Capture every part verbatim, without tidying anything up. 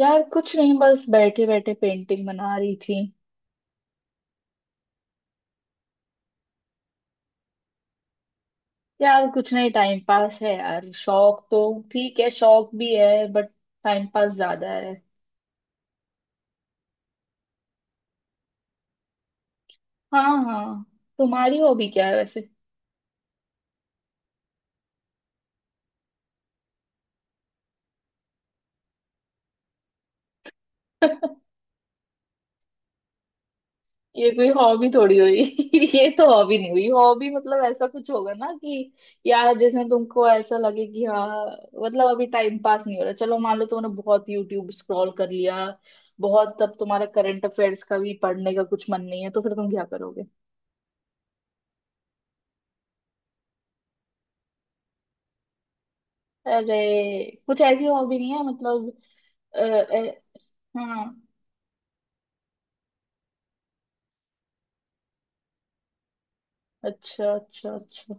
यार कुछ नहीं, बस बैठे बैठे पेंटिंग बना रही थी। यार कुछ नहीं, टाइम पास है यार, शौक तो ठीक है, शौक भी है बट टाइम पास ज्यादा है। हाँ हाँ। तुम्हारी हॉबी क्या है वैसे? ये कोई हॉबी थोड़ी हुई। ये तो हॉबी नहीं हुई। हॉबी मतलब ऐसा कुछ होगा ना, कि यार जिसमें तुमको ऐसा लगे कि हाँ, मतलब अभी टाइम पास नहीं हो रहा। चलो मान लो तुमने बहुत यूट्यूब स्क्रॉल कर लिया, बहुत, तब तुम्हारा करंट अफेयर्स का भी पढ़ने का कुछ मन नहीं है, तो फिर तुम क्या करोगे? अरे कुछ ऐसी हॉबी नहीं है मतलब। अ, अ, हाँ। अच्छा अच्छा अच्छा।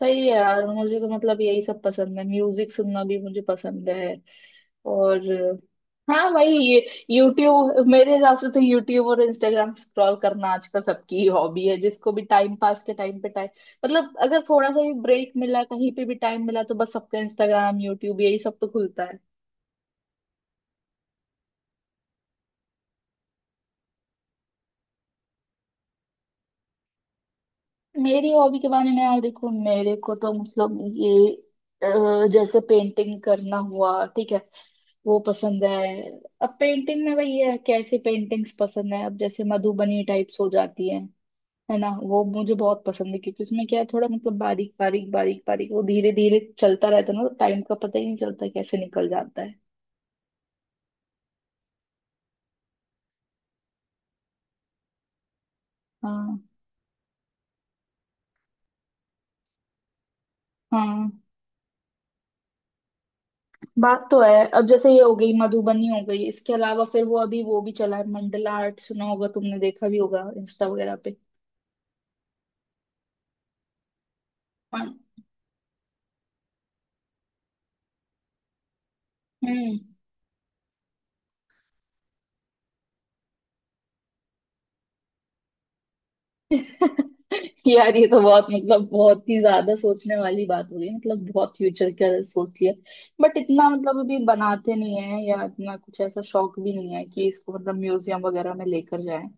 सही है यार, मुझे तो मतलब यही सब पसंद है, म्यूजिक सुनना भी मुझे पसंद है। और अ, हाँ भाई, ये यूट्यूब, मेरे हिसाब से तो यूट्यूब और इंस्टाग्राम स्क्रॉल करना आजकल सबकी ही हॉबी है। जिसको भी टाइम पास के टाइम पे टाइम, मतलब अगर थोड़ा सा भी ब्रेक मिला, कहीं पे भी टाइम मिला, तो बस सबका इंस्टाग्राम यूट्यूब यही सब तो खुलता है। मेरी हॉबी के बारे में, यार देखो मेरे को तो मतलब ये अ, जैसे पेंटिंग करना हुआ, ठीक है, वो पसंद है। अब पेंटिंग में वही है, कैसी पेंटिंग्स पसंद है। अब जैसे मधुबनी टाइप्स हो जाती है है ना, वो मुझे बहुत पसंद है, क्योंकि उसमें क्या है, थोड़ा मतलब बारीक बारीक बारीक बारीक वो धीरे धीरे चलता रहता है ना, तो टाइम का पता ही नहीं चलता कैसे निकल जाता है। हाँ हाँ। बात तो है। अब जैसे ये हो गई मधुबनी हो गई, इसके अलावा फिर वो अभी वो भी चला है मंडला आर्ट, सुना होगा तुमने, देखा भी होगा इंस्टा वगैरह पे। हाँ, हम्म। यार ये तो बहुत, मतलब बहुत ही ज्यादा सोचने वाली बात हो गई, मतलब बहुत फ्यूचर का सोच लिया। बट इतना मतलब अभी बनाते नहीं है, या इतना कुछ ऐसा शौक भी नहीं है कि इसको मतलब म्यूजियम वगैरह में लेकर जाए।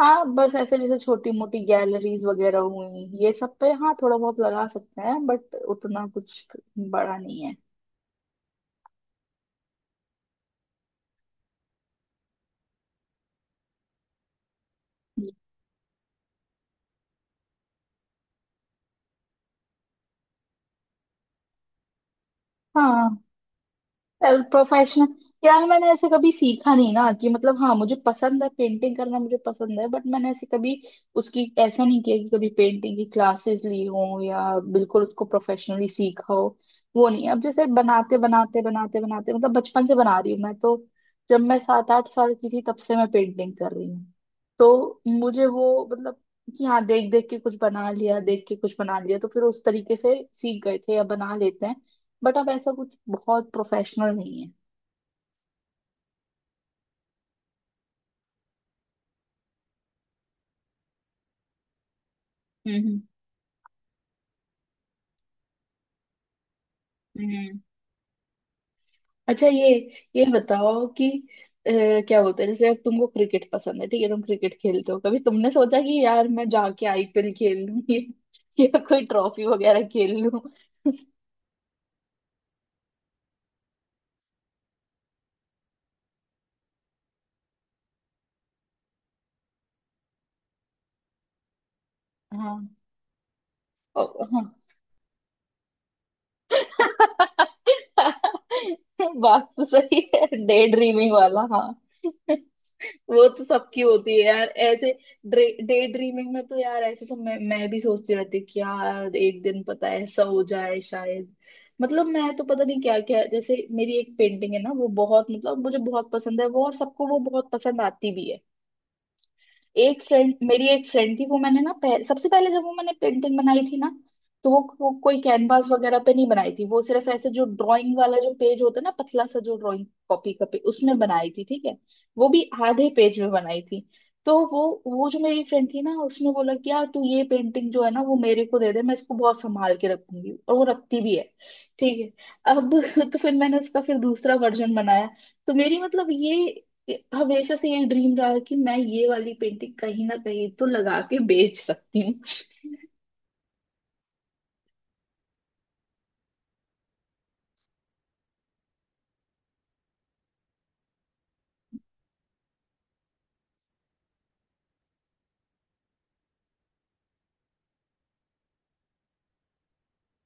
हाँ बस ऐसे जैसे छोटी मोटी गैलरीज वगैरह हुई, ये सब पे हाँ थोड़ा बहुत लगा सकते हैं, बट उतना कुछ बड़ा नहीं है। हाँ, सेल्फ प्रोफेशनल। यार मैंने ऐसे कभी सीखा नहीं ना, कि मतलब हाँ मुझे पसंद है, पेंटिंग करना मुझे पसंद है, बट मैंने ऐसे कभी उसकी ऐसा नहीं किया कि कभी पेंटिंग की क्लासेस ली हो, या बिल्कुल उसको प्रोफेशनली सीखा हो। वो नहीं। अब जैसे बनाते बनाते बनाते बनाते, मतलब बचपन से बना रही हूँ मैं तो। जब मैं सात आठ साल की थी तब से मैं पेंटिंग कर रही हूँ। तो मुझे वो मतलब, कि हाँ देख देख के कुछ बना लिया, देख के कुछ बना लिया, तो फिर उस तरीके से सीख गए थे, या बना लेते हैं। बट अब ऐसा कुछ बहुत प्रोफेशनल नहीं है। हम्म, हम्म, हम्म। अच्छा, ये ये बताओ कि अ, क्या बोलते हैं, जैसे अब तुमको क्रिकेट पसंद है, ठीक है, तुम क्रिकेट खेलते हो, कभी तुमने सोचा कि यार मैं जाके आई पी एल खेल लूं या या कोई ट्रॉफी वगैरह खेल लूं? हाँ। बात तो सही है, डे ड्रीमिंग वाला, हाँ। वो तो सबकी होती है यार ऐसे। डे ड्रीमिंग में तो यार, ऐसे तो मैं मैं भी सोचती रहती हूँ कि यार एक दिन पता है ऐसा हो जाए शायद। मतलब मैं तो पता नहीं क्या क्या, जैसे मेरी एक पेंटिंग है ना, वो बहुत, मतलब मुझे बहुत पसंद है वो, और सबको वो बहुत पसंद आती भी है। एक फ्रेंड, मेरी एक फ्रेंड थी, वो मैंने ना पह, सबसे पहले जब वो मैंने पेंटिंग बनाई थी ना, तो वो, वो कोई कैनवास वगैरह पे नहीं बनाई थी। वो सिर्फ ऐसे जो ड्राइंग वाला जो पेज होता है ना, पतला सा, जो ड्राइंग कॉपी का पेज, उसमें बनाई थी, ठीक है। वो भी आधे पेज में बनाई थी। तो वो वो जो मेरी फ्रेंड थी ना, उसने बोला कि यार तू ये पेंटिंग जो है ना, वो मेरे को दे दे, मैं इसको बहुत संभाल के रखूंगी, और वो रखती भी है। ठीक है अब। तो फिर मैंने उसका फिर दूसरा वर्जन बनाया। तो मेरी मतलब ये, ये- हमेशा से ये ड्रीम रहा है कि मैं ये वाली पेंटिंग कहीं ना कहीं तो लगा के बेच सकती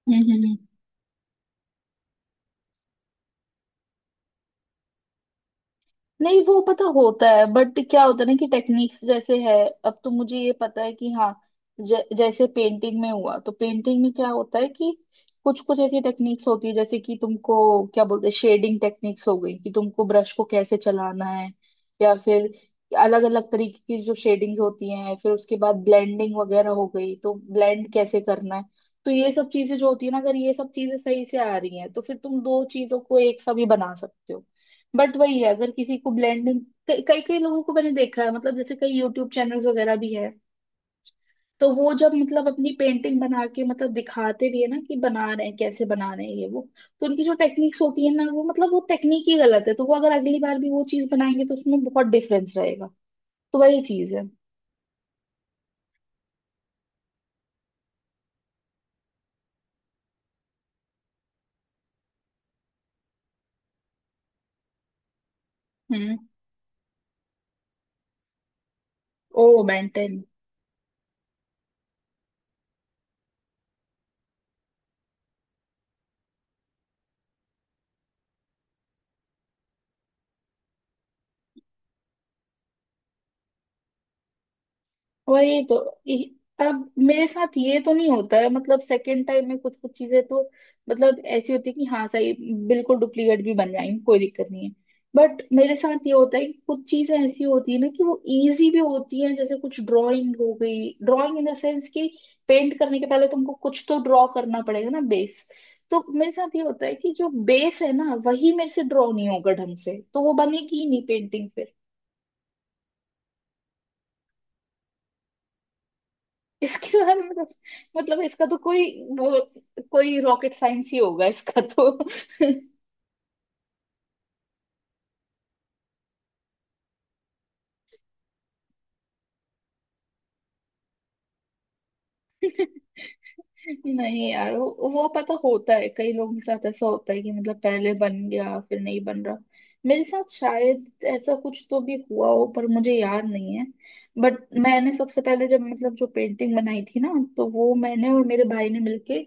हूँ। नहीं वो पता होता है, बट क्या होता है ना कि टेक्निक्स जैसे है। अब तो मुझे ये पता है कि हाँ, ज, जैसे पेंटिंग में हुआ, तो पेंटिंग में क्या होता है कि कुछ कुछ ऐसी टेक्निक्स होती है, जैसे कि तुमको क्या बोलते हैं, शेडिंग टेक्निक्स हो गई कि तुमको ब्रश को कैसे चलाना है, या फिर अलग अलग तरीके की जो शेडिंग होती हैं, फिर उसके बाद ब्लेंडिंग वगैरह हो गई तो ब्लेंड कैसे करना है। तो ये सब चीजें जो होती है ना, अगर ये सब चीजें सही से आ रही हैं तो फिर तुम दो चीजों को एक साथ भी बना सकते हो। बट वही है, अगर किसी को ब्लेंडिंग, कई कई लोगों को मैंने देखा है, मतलब जैसे कई यूट्यूब चैनल्स वगैरह भी है। तो वो जब मतलब अपनी पेंटिंग बना के मतलब दिखाते भी है ना, कि बना रहे हैं, कैसे बना रहे हैं ये वो, तो उनकी जो टेक्निक्स होती है ना, वो मतलब वो टेक्निक ही गलत है, तो वो अगर अगली बार भी वो चीज बनाएंगे तो उसमें बहुत डिफरेंस रहेगा। तो वही चीज है। हम्म। ओ बेंटन। वही तो। इ- अब मेरे साथ ये तो नहीं होता है, मतलब सेकंड टाइम में कुछ कुछ चीजें तो, मतलब ऐसी होती है कि हाँ सही, बिल्कुल डुप्लीकेट भी बन जाएंगी, कोई दिक्कत नहीं है। बट मेरे साथ ये होता है कि कुछ चीजें ऐसी होती है ना, कि वो इजी भी होती हैं, जैसे कुछ ड्राइंग हो गई, ड्राइंग इन द सेंस कि पेंट करने के पहले तुमको कुछ तो ड्रॉ करना पड़ेगा ना, बेस। तो मेरे साथ ये होता है कि जो बेस है ना, वही मेरे से ड्रॉ नहीं होगा ढंग से, तो वो बनेगी ही नहीं पेंटिंग। इसके बारे में तो, मतलब इसका तो कोई वो, कोई रॉकेट साइंस ही होगा इसका तो। नहीं यार, वो वो पता होता है, कई लोगों के साथ ऐसा होता है कि, मतलब पहले बन गया, फिर नहीं बन रहा। मेरे साथ शायद ऐसा कुछ तो भी हुआ हो पर मुझे याद नहीं है। बट मैंने सबसे पहले जब, मतलब जो पेंटिंग बनाई थी ना, तो वो मैंने और मेरे भाई ने मिलके,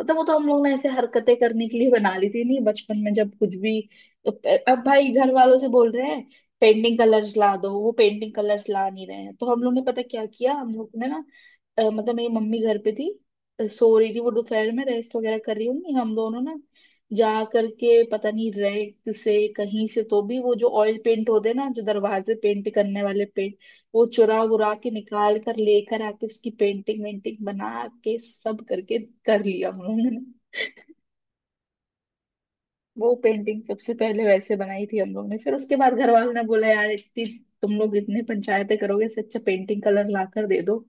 मतलब वो तो हम लोग ने ऐसे हरकतें करने के लिए बना ली थी नहीं, बचपन में जब कुछ भी, तो प- अब भाई घर वालों से बोल रहे हैं पेंटिंग कलर्स ला दो, वो पेंटिंग कलर्स ला नहीं रहे हैं, तो हम लोग ने पता क्या किया, हम लोग ने ना अ, मतलब मेरी मम्मी घर पे थी, सो रही थी, वो दोपहर में रेस्ट वगैरह कर रही होंगी, हम दोनों ना जा करके पता नहीं रैक से कहीं से तो भी वो जो ऑयल पेंट होते हैं ना, जो दरवाजे पेंट करने वाले पेंट, वो चुरा वुरा के निकाल कर लेकर आके उसकी पेंटिंग वेंटिंग बना के सब करके कर लिया हम लोगों ने। वो पेंटिंग सबसे पहले वैसे बनाई थी हम लोग ने, फिर उसके बाद घर वालों ने बोला, यार इतनी, तुम लोग इतने पंचायतें करोगे इससे अच्छा पेंटिंग कलर ला कर दे दो।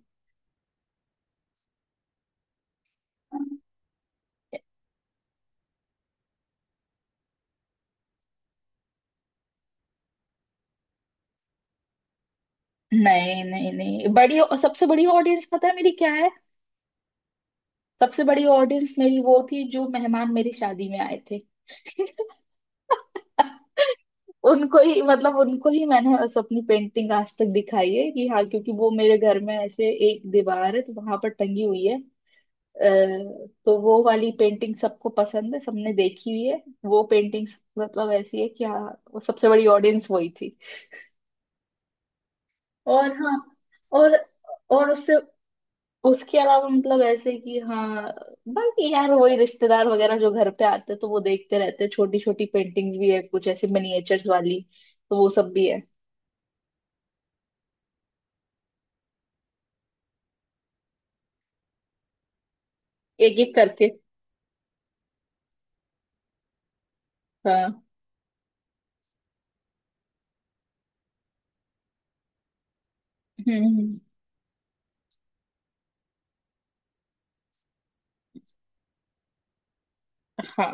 नहीं नहीं नहीं, बड़ी, सबसे बड़ी ऑडियंस पता है मेरी क्या है? सबसे बड़ी ऑडियंस मेरी वो थी जो मेहमान मेरी शादी में आए थे। उनको ही मतलब उनको ही मैंने बस अपनी पेंटिंग आज तक दिखाई है, कि हाँ क्योंकि वो मेरे घर में ऐसे एक दीवार है तो वहां पर टंगी हुई है। अ, तो वो वाली पेंटिंग सबको पसंद है, सबने देखी हुई है, वो पेंटिंग। मतलब ऐसी है कि हाँ, वो सबसे बड़ी ऑडियंस वही थी। और हाँ, और और उससे, उसके अलावा मतलब ऐसे कि हाँ, बाकी यार वही रिश्तेदार वगैरह जो घर पे आते हैं, तो वो देखते रहते हैं। छोटी छोटी पेंटिंग्स भी है कुछ ऐसे मिनिएचर्स वाली, तो वो सब भी है। एक एक करके। हाँ। हम्म, हम्म, हाँ।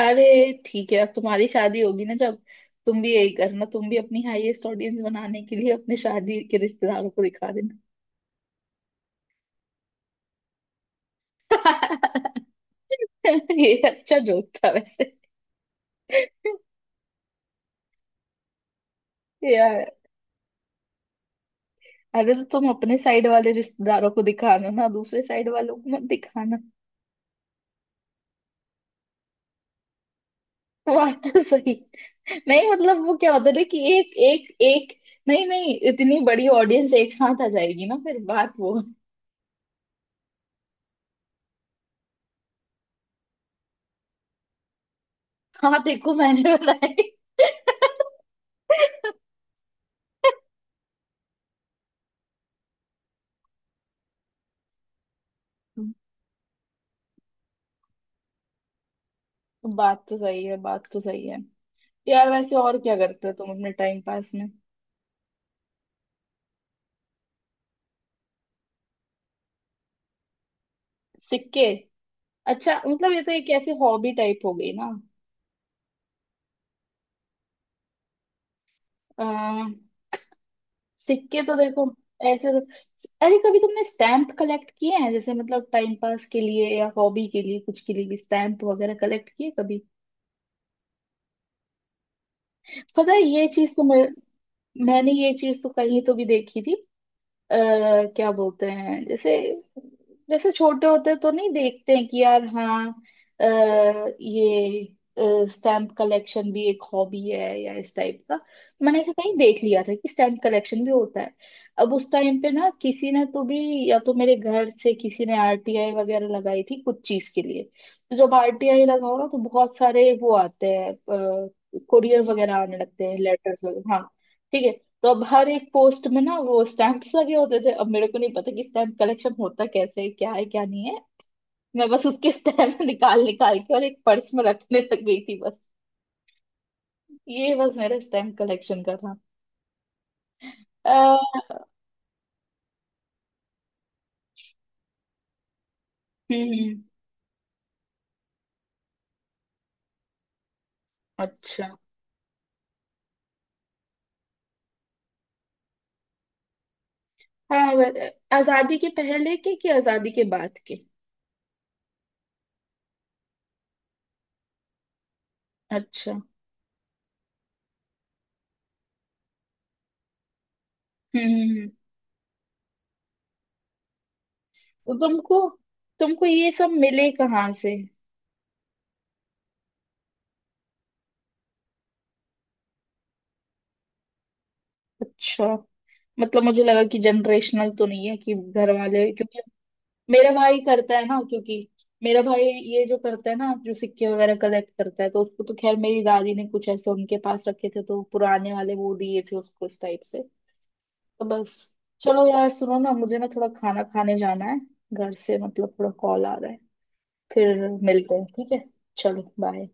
अरे ठीक है, अब तुम्हारी शादी होगी ना जब, तुम भी यही करना, तुम भी अपनी हाईएस्ट ऑडियंस बनाने के लिए अपने शादी के रिश्तेदारों को दिखा देना। ये अच्छा जोक था वैसे। यार, अरे तो तुम अपने साइड वाले रिश्तेदारों को दिखाना ना, दूसरे साइड वालों को मत दिखाना। बात तो सही। नहीं, मतलब वो क्या होता है ना कि एक एक एक, नहीं नहीं, इतनी बड़ी ऑडियंस एक साथ आ जाएगी ना, फिर बात वो। हाँ देखो, मैंने बताई। बात तो सही है, बात तो सही है। यार वैसे और क्या करते हो तुम अपने टाइम पास में? सिक्के? अच्छा, मतलब ये तो एक ऐसी हॉबी टाइप हो गई। ना, सिक्के तो देखो ऐसे तो, अरे कभी तुमने स्टैम्प कलेक्ट किए हैं, जैसे मतलब टाइम पास के लिए या हॉबी के लिए, कुछ के लिए भी स्टैम्प वगैरह कलेक्ट किए कभी? पता है ये चीज तो मैं, मैंने ये चीज तो कहीं तो भी देखी थी। अ, क्या बोलते हैं जैसे, जैसे छोटे होते तो नहीं देखते हैं कि यार हाँ, अ, ये स्टैम्प कलेक्शन भी एक हॉबी है या इस टाइप का। मैंने ऐसे कहीं देख लिया था कि स्टैम्प कलेक्शन भी होता है। अब उस टाइम पे ना किसी ने तो भी, या तो मेरे घर से किसी ने आर टी आई वगैरह लगाई थी कुछ चीज के लिए। तो जब आर टी आई लगाओ ना, तो बहुत सारे वो आते हैं, कोरियर वगैरह आने लगते हैं, लेटर्स वगैरह, हाँ, ठीक है। तो अब हर एक पोस्ट में ना, वो स्टैंप्स लगे होते थे। अब मेरे को नहीं पता कि स्टैम्प कलेक्शन होता कैसे है, क्या है क्या नहीं है। मैं बस उसके स्टैम्प निकाल निकाल के और एक पर्स में रखने लग गई थी बस। ये बस मेरा स्टैम्प कलेक्शन का था। अ, हम्म। अच्छा। हाँ, वे- आजादी के पहले के कि आजादी के बाद के? अच्छा। हम्म, हम्म, हम्म। तो तुमको तुमको ये सब मिले कहाँ से? अच्छा, मतलब मुझे लगा कि जनरेशनल तो नहीं है कि घर वाले, क्योंकि मेरा भाई करता है ना, क्योंकि मेरा भाई ये जो करता है ना, जो सिक्के वगैरह कलेक्ट करता है, तो उसको तो खैर मेरी दादी ने कुछ ऐसे उनके पास रखे थे तो पुराने वाले वो दिए थे उसको, इस टाइप से, तो बस। चलो यार सुनो ना, मुझे ना थोड़ा खाना खाने जाना है, घर से मतलब थोड़ा कॉल आ रहा है, फिर मिलते हैं, ठीक है। चलो बाय।